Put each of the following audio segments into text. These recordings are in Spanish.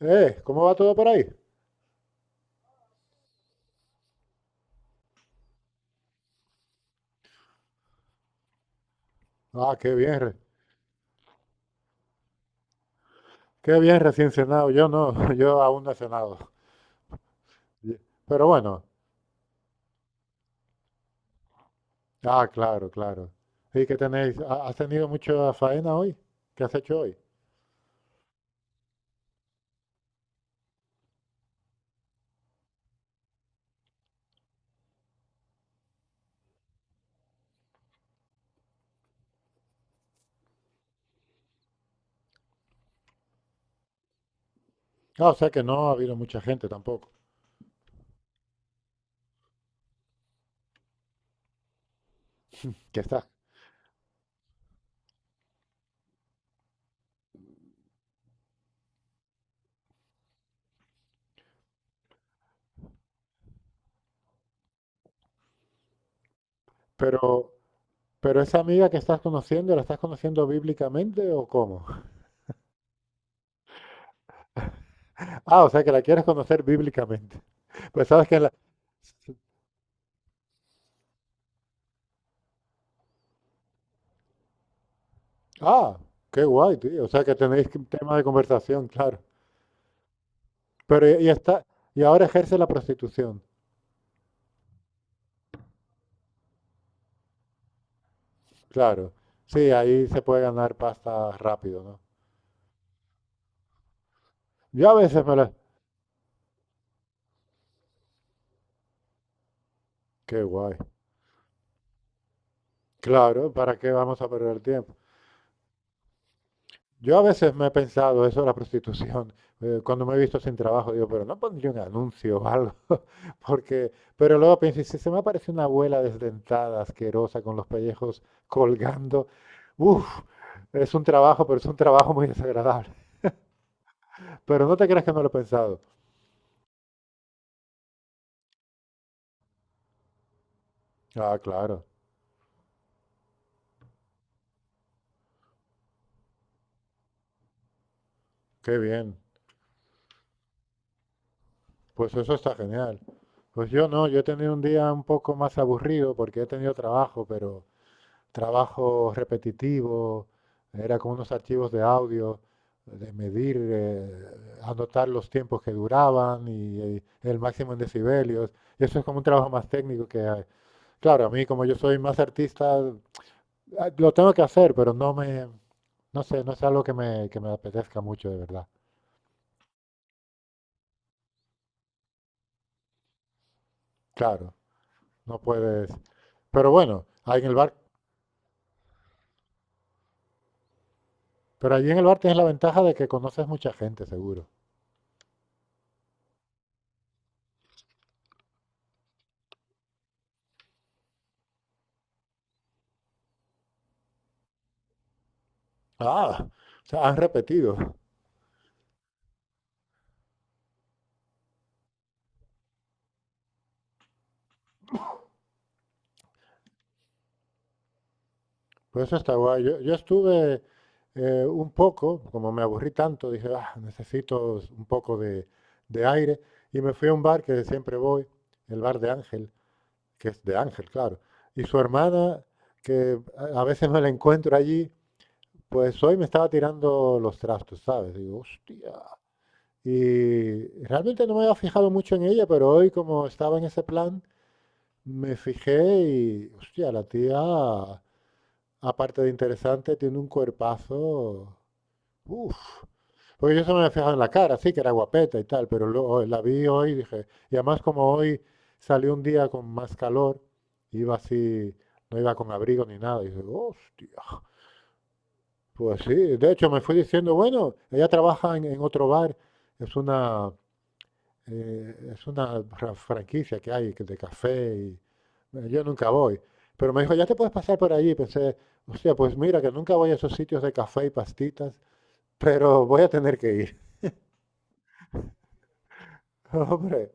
¿Cómo va todo por ahí? Ah, qué bien, qué bien recién cenado. Yo no, yo aún no he cenado. Y- Pero bueno, ah, claro, claro. ¿Y qué tenéis? ¿Has tenido mucha faena hoy? ¿Qué has hecho hoy? Ah, o sea que no ha habido mucha gente tampoco. Que está. Pero, pero esa amiga que estás conociendo, ¿la estás conociendo bíblicamente o cómo? Ah, o sea que la quieres conocer bíblicamente. Pues sabes que en la. Ah, qué guay, tío. O sea que tenéis tema de conversación, claro. Pero y está, y ahora ejerce la prostitución, claro. Sí, ahí se puede ganar pasta rápido, ¿no? Yo a veces me la. Qué guay. Claro, ¿para qué vamos a perder el tiempo? Yo a veces me he pensado eso de la prostitución, cuando me he visto sin trabajo, digo, pero no pondría un anuncio o algo. Porque, pero luego pienso, si se me aparece una abuela desdentada, asquerosa, con los pellejos colgando, uff, es un trabajo, pero es un trabajo muy desagradable. Pero no te creas que no lo he pensado. Ah, claro, qué bien. Pues eso está genial. Pues yo no, yo he tenido un día un poco más aburrido porque he tenido trabajo, pero trabajo repetitivo, era con unos archivos de audio, de medir, anotar los tiempos que duraban y, el máximo en decibelios. Y eso es como un trabajo más técnico que, claro, a mí como yo soy más artista, ah, lo tengo que hacer, pero no me, no sé, no es algo que me, apetezca mucho de verdad. Claro, no puedes. Pero bueno, ahí en el bar. Pero allí en el bar tienes la ventaja de que conoces mucha gente, seguro. Ah, o sea, han repetido. Pues eso está guay. Yo estuve un poco, como me aburrí tanto, dije, ah, necesito un poco de aire. Y me fui a un bar que siempre voy, el bar de Ángel, que es de Ángel, claro. Y su hermana, que a veces me la encuentro allí, pues hoy me estaba tirando los trastos, ¿sabes? Digo, hostia. Y realmente no me había fijado mucho en ella, pero hoy como estaba en ese plan, me fijé y, hostia, la tía, aparte de interesante, tiene un cuerpazo. Uf. Porque yo se me había fijado en la cara, sí, que era guapeta y tal, pero luego la vi hoy y dije, y además como hoy salió un día con más calor, iba así, no iba con abrigo ni nada, y dije, hostia, pues sí, de hecho me fui diciendo, bueno, ella trabaja en otro bar, es una, es una franquicia que hay de café y bueno, yo nunca voy. Pero me dijo, ya te puedes pasar por allí. Pensé, hostia, pues mira que nunca voy a esos sitios de café y pastitas, pero voy a tener que ir. Hombre,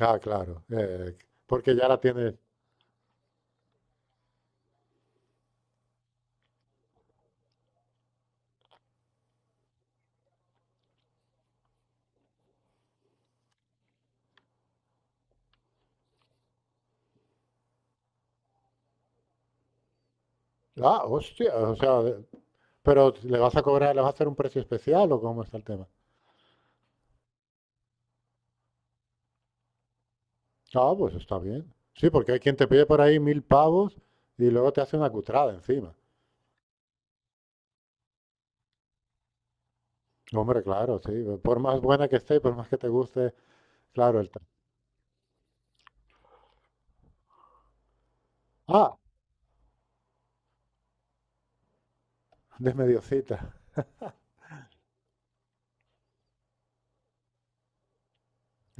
ah, claro, porque ya la tienes. Ah, hostia, o sea, pero le vas a cobrar, le vas a hacer un precio especial o cómo está el tema. Ah, pues está bien. Sí, porque hay quien te pide por ahí mil pavos y luego te hace una cutrada encima. Hombre, claro, sí. Por más buena que esté, y por más que te guste. Claro, el tra-. Ah, de medio cita.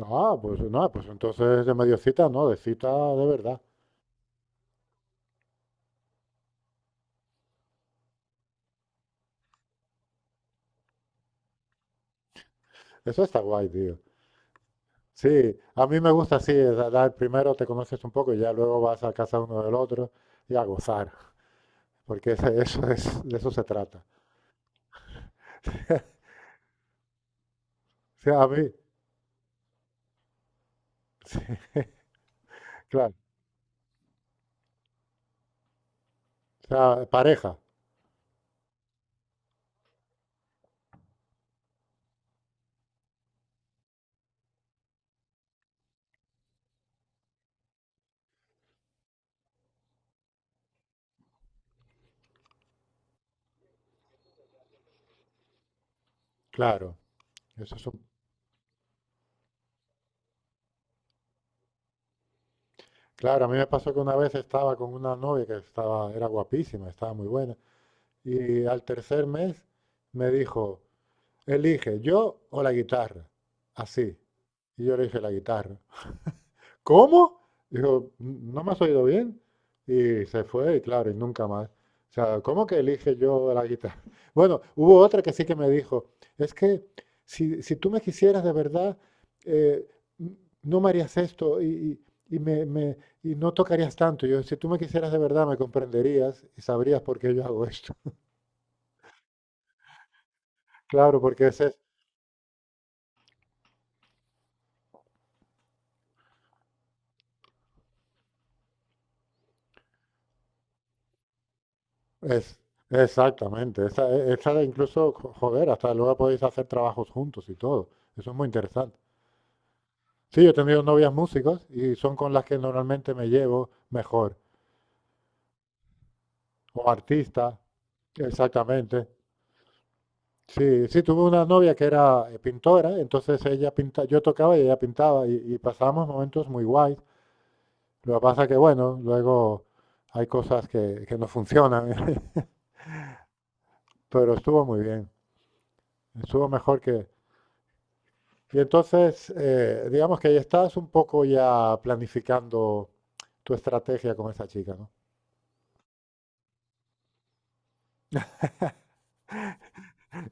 Ah, pues no, pues entonces de medio cita, no, de cita de verdad. Eso está guay, tío. Sí, a mí me gusta así, es dar primero te conoces un poco y ya luego vas a casa uno del otro y a gozar, porque ese- eso es, de eso se trata. O sea, a mí, sí, claro. O sea, pareja, claro. Eso es claro, a mí me pasó que una vez estaba con una novia que estaba, era guapísima, estaba muy buena, y al tercer mes me dijo, elige ¿yo o la guitarra? Así. Y yo le dije, la guitarra. ¿Cómo? Dijo, ¿no me has oído bien? Y se fue, y claro, y nunca más. O sea, ¿cómo que elige yo la guitarra? Bueno, hubo otra que sí que me dijo, es que si tú me quisieras de verdad, eh, no me harías esto y me, me- y no tocarías tanto. Yo, si tú me quisieras de verdad, me comprenderías y sabrías por qué yo hago esto. Claro, porque ese es, Es, exactamente. Esa de incluso, joder, hasta luego podéis hacer trabajos juntos y todo. Eso es muy interesante. Sí, yo he tenido novias músicos y son con las que normalmente me llevo mejor. O artistas, exactamente. Sí, sí, tuve una novia que era pintora, entonces ella pinta, yo tocaba y ella pintaba y pasábamos momentos muy guays. Lo que pasa que, bueno, luego hay cosas que, no funcionan. Pero estuvo muy bien. Estuvo mejor que. Y entonces, digamos que ahí estás un poco ya planificando tu estrategia con esa chica, ¿no?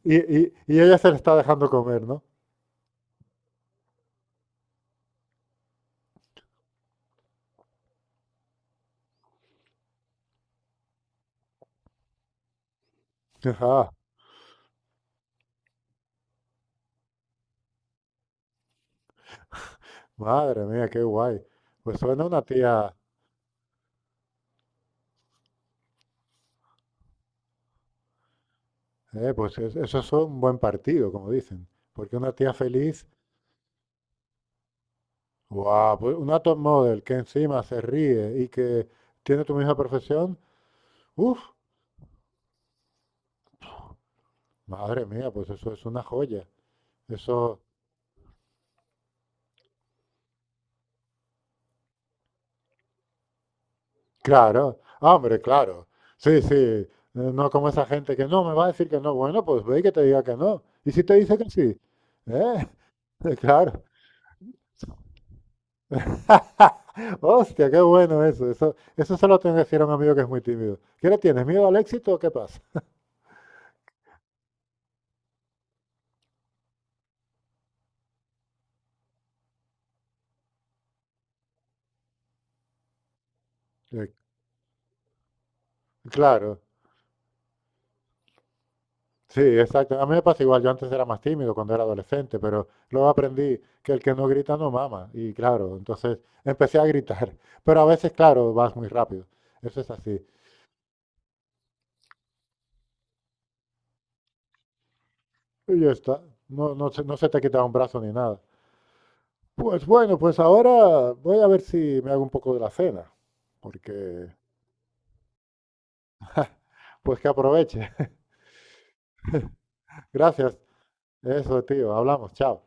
Y, y ella se le está dejando comer, ¿no? Ah, madre mía, qué guay. Pues suena una tía, pues eso es un buen partido, como dicen. Porque una tía feliz. Guau, pues una top model que encima se ríe y que tiene tu misma profesión, uff, madre mía, pues eso es una joya. Eso. Claro, hombre, claro. Sí, sí. No como esa gente que no me va a decir que no. Bueno, pues ve y que te diga que no. ¿Y si te dice que sí? ¿Eh? Claro. Hostia, qué bueno eso. Eso se lo tengo que decir a un amigo que es muy tímido. ¿Qué le tienes? ¿Miedo al éxito o qué pasa? Eh, claro. Sí, exacto. A mí me pasa igual. Yo antes era más tímido cuando era adolescente, pero luego aprendí que el que no grita no mama. Y claro, entonces empecé a gritar. Pero a veces, claro, vas muy rápido. Eso es así. Y ya está. No, no se, te ha quitado un brazo ni nada. Pues bueno, pues ahora voy a ver si me hago un poco de la cena, porque pues que aproveche. Gracias. Eso, tío. Hablamos. Chao.